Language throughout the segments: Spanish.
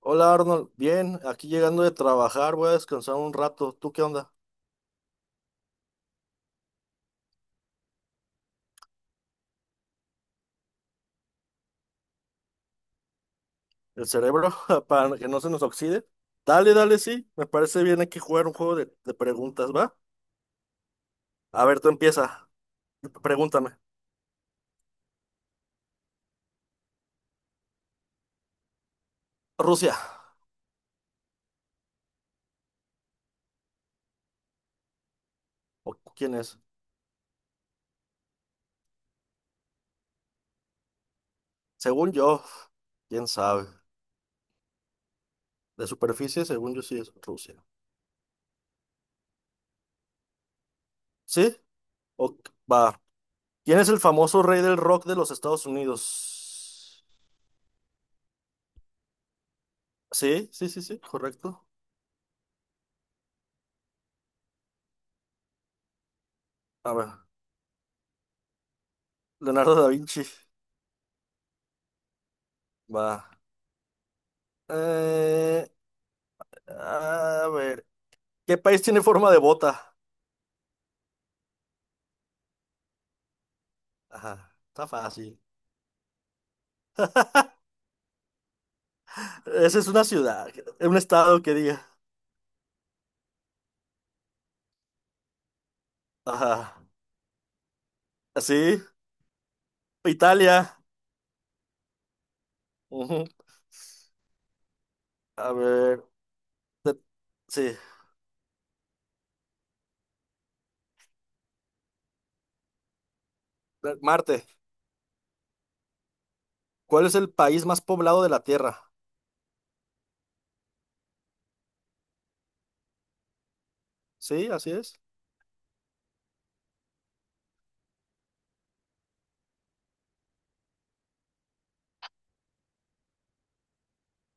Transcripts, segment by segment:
Hola Arnold, bien, aquí llegando de trabajar, voy a descansar un rato. ¿Tú qué onda? ¿El cerebro? Para que no se nos oxide. Dale, dale, sí, me parece bien aquí jugar un juego de preguntas, ¿va? A ver, tú empieza, pregúntame. Rusia, ¿o quién es? Según yo, quién sabe. De superficie, según yo sí es Rusia. ¿Sí? O, va. ¿Quién es el famoso rey del rock de los Estados Unidos? Sí, sí, sí, sí, correcto. A ver, Leonardo da Vinci. Va. Eh, A ver, ¿qué país tiene forma de bota? Ajá, está fácil. Esa es una ciudad, un estado que diga. Ajá, así, Italia. Ujú. A ver, de- sí, Marte. ¿Cuál es el país más poblado de la Tierra? Sí, así es.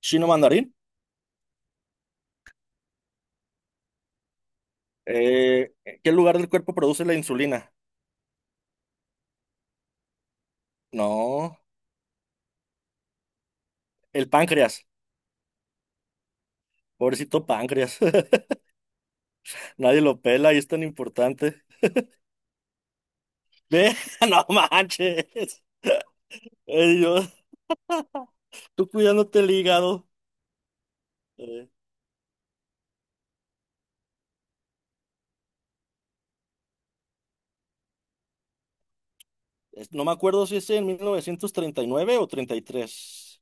Chino mandarín. Eh, ¿Qué lugar del cuerpo produce la insulina? No, el páncreas. Pobrecito páncreas. Nadie lo pela y es tan importante. Ve, no manches. Ay, Dios. Tú cuidándote el hígado. Eh, no me acuerdo si es en 1939 o 33.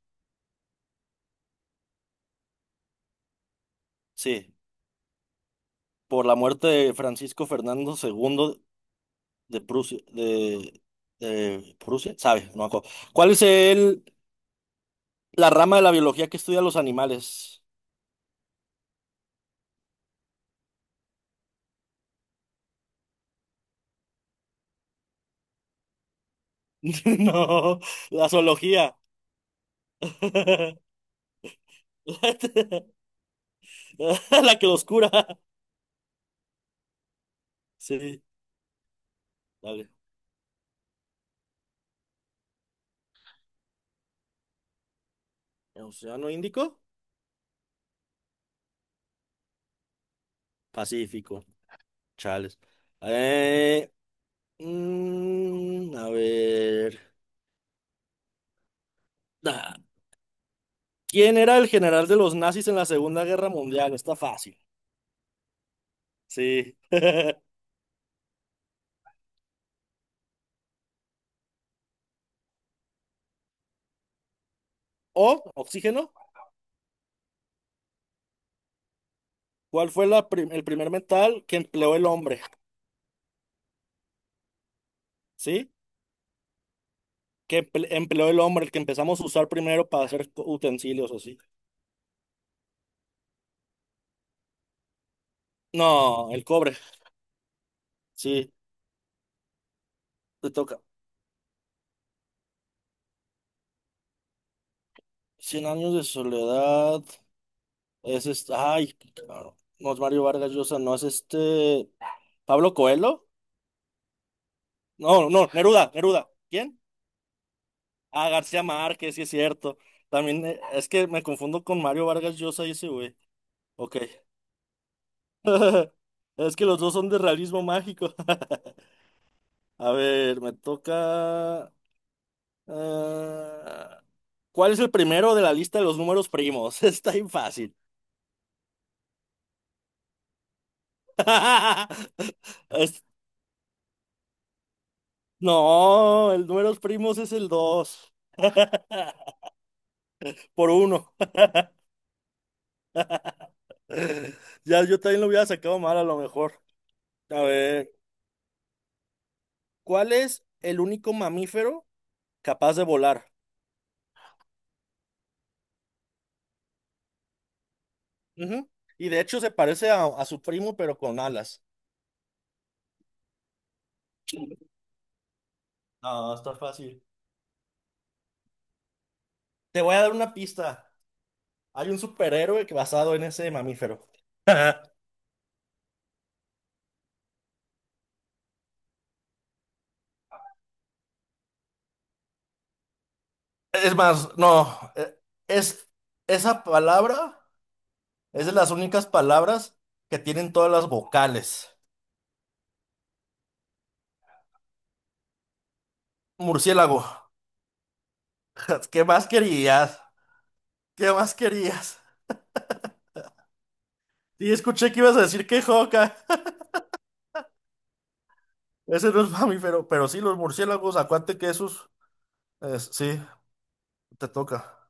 Sí, por la muerte de Francisco Fernando II de Prusia. De Prusia, sabe, no me acuerdo. ¿La rama de la biología que estudia los animales? No, la zoología. La que los cura. Sí, dale. ¿El ¿Océano Índico? Pacífico. Chales. Eh, a ver. Ah, ¿Quién era el general de los nazis en la Segunda Guerra Mundial? Está fácil. Sí. O, oxígeno. ¿Cuál fue el primer metal que empleó el hombre? ¿Sí? Que empleó el hombre, el que empezamos a usar primero para hacer utensilios así. No, el cobre. Sí, te toca. Cien años de soledad. Es este. Ay, claro. No es Mario Vargas Llosa, no es este. ¿Pablo Coelho? No, no, Neruda, Neruda. ¿Quién? Ah, García Márquez, sí es cierto. También es que me confundo con Mario Vargas Llosa y ese güey. Ok. Es que los dos son de realismo mágico. A ver, me toca. Ah, ¿cuál es el primero de la lista de los números primos? Está bien fácil. Es- no, el números primos es el dos. Por uno. Ya yo también lo hubiera sacado mal a lo mejor. A ver, ¿cuál es el único mamífero capaz de volar? Ujú. Y de hecho se parece a su primo, pero con alas. Ah, está fácil. Te voy a dar una pista. Hay un superhéroe que basado en ese mamífero. Es más, no, es esa palabra, es de las únicas palabras que tienen todas las vocales. Murciélago. ¿Qué más querías? ¿Qué más querías? Sí, escuché que ibas a decir que joca. Ese no es mamífero, pero sí, los murciélagos, acuérdate que esos, sí, te toca.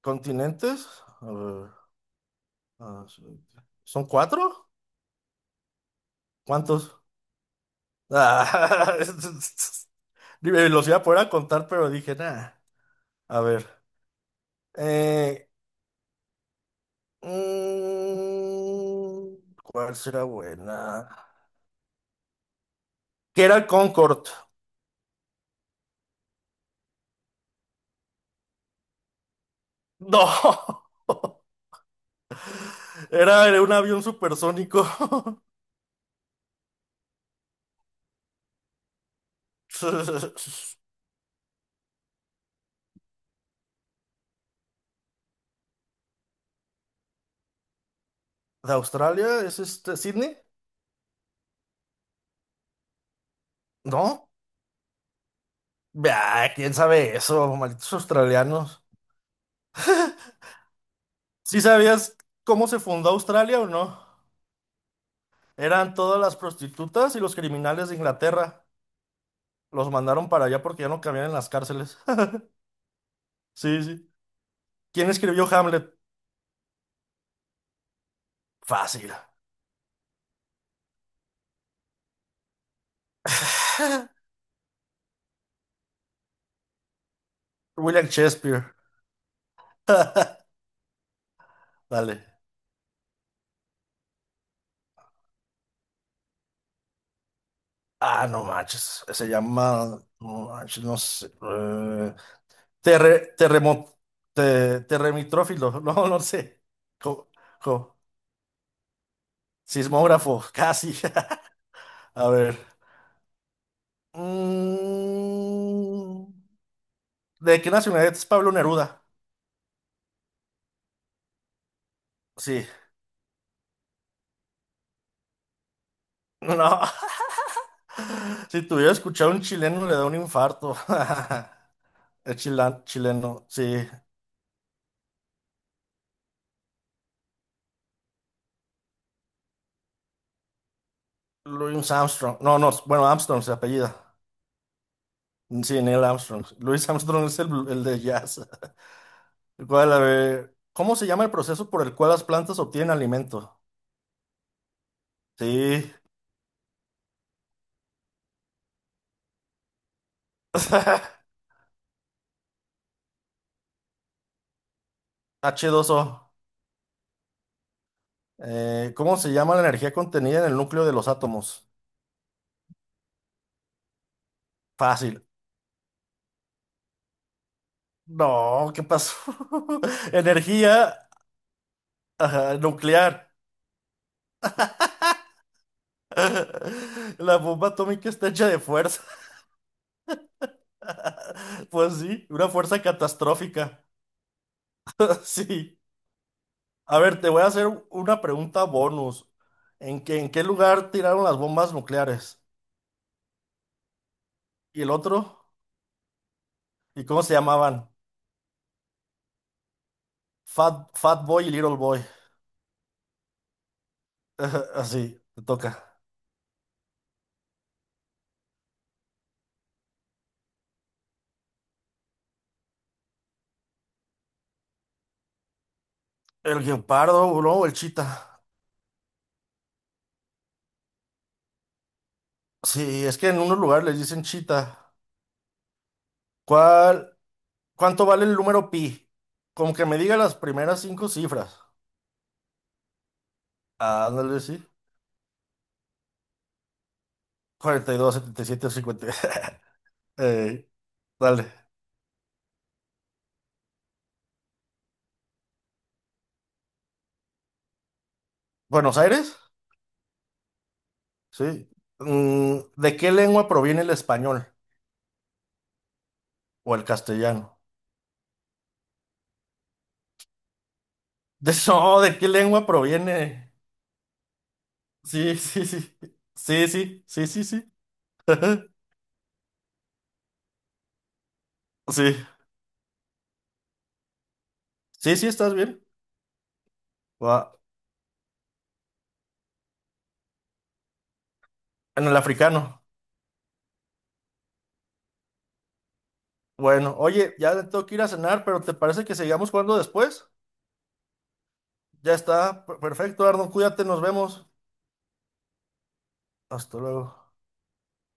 ¿Continentes? A ver, ah, sí. ¿Son cuatro? ¿Cuántos? Ah, dime, los iba a poder contar, pero dije, nada. A ver. eh, mm, ¿Cuál será buena? ¿Que era el Concorde? No. Era, era un avión supersónico. ¿De Australia? ¿Es este Sydney? No. Bah, ¿quién sabe eso? Malditos australianos. ¿Sí sabías cómo se fundó Australia o no? Eran todas las prostitutas y los criminales de Inglaterra. Los mandaron para allá porque ya no cabían en las cárceles. Sí, sí. ¿Quién escribió Hamlet? Fácil. William Shakespeare. Dale. Ah, no manches. Se llama. No manches, no sé. Terre- terremo- Terremitrófilo. No, no sé. Co- co- Sismógrafo, casi. A ver. Mm. ¿De qué nacionalidad es Pablo Neruda? Sí. No. Si tuviera escuchado a un chileno, le da un infarto. Es chileno, sí. Louis Armstrong. No, no, bueno, Armstrong se apellida. Sí, Neil Armstrong. Louis Armstrong es el de jazz. ¿Cómo se llama el proceso por el cual las plantas obtienen alimento? Sí. H dos o. ¿Cómo se llama la energía contenida en el núcleo de los átomos? Fácil. No, ¿qué pasó? Energía. Ajá, nuclear. La bomba atómica está hecha de fuerza. Pues sí, una fuerza catastrófica. Sí. A ver, te voy a hacer una pregunta bonus. ¿En qué lugar tiraron las bombas nucleares? ¿Y el otro? ¿Y cómo se llamaban? Fat Boy y Little Boy. Ajá, así, te toca. El guepardo, ¿no? O el chita. Sí, es que en unos lugares les dicen chita. ¿Cuál? ¿Cuánto vale el número pi? Como que me diga las primeras cinco cifras. Ah, ándale, sí. 42, 77, 50. Eh, dale. ¿Buenos Aires? Sí. Mm, ¿de qué lengua proviene el español o el castellano? De, no, ¿de qué lengua proviene? Sí, sí, sí. Sí, sí, sí, sí, sí. Sí, sí, sí, estás bien. Va. En el africano. Bueno, oye, ya tengo que ir a cenar, pero ¿te parece que sigamos jugando después? Ya está. Perfecto, Arnold, cuídate, nos vemos. Hasta luego.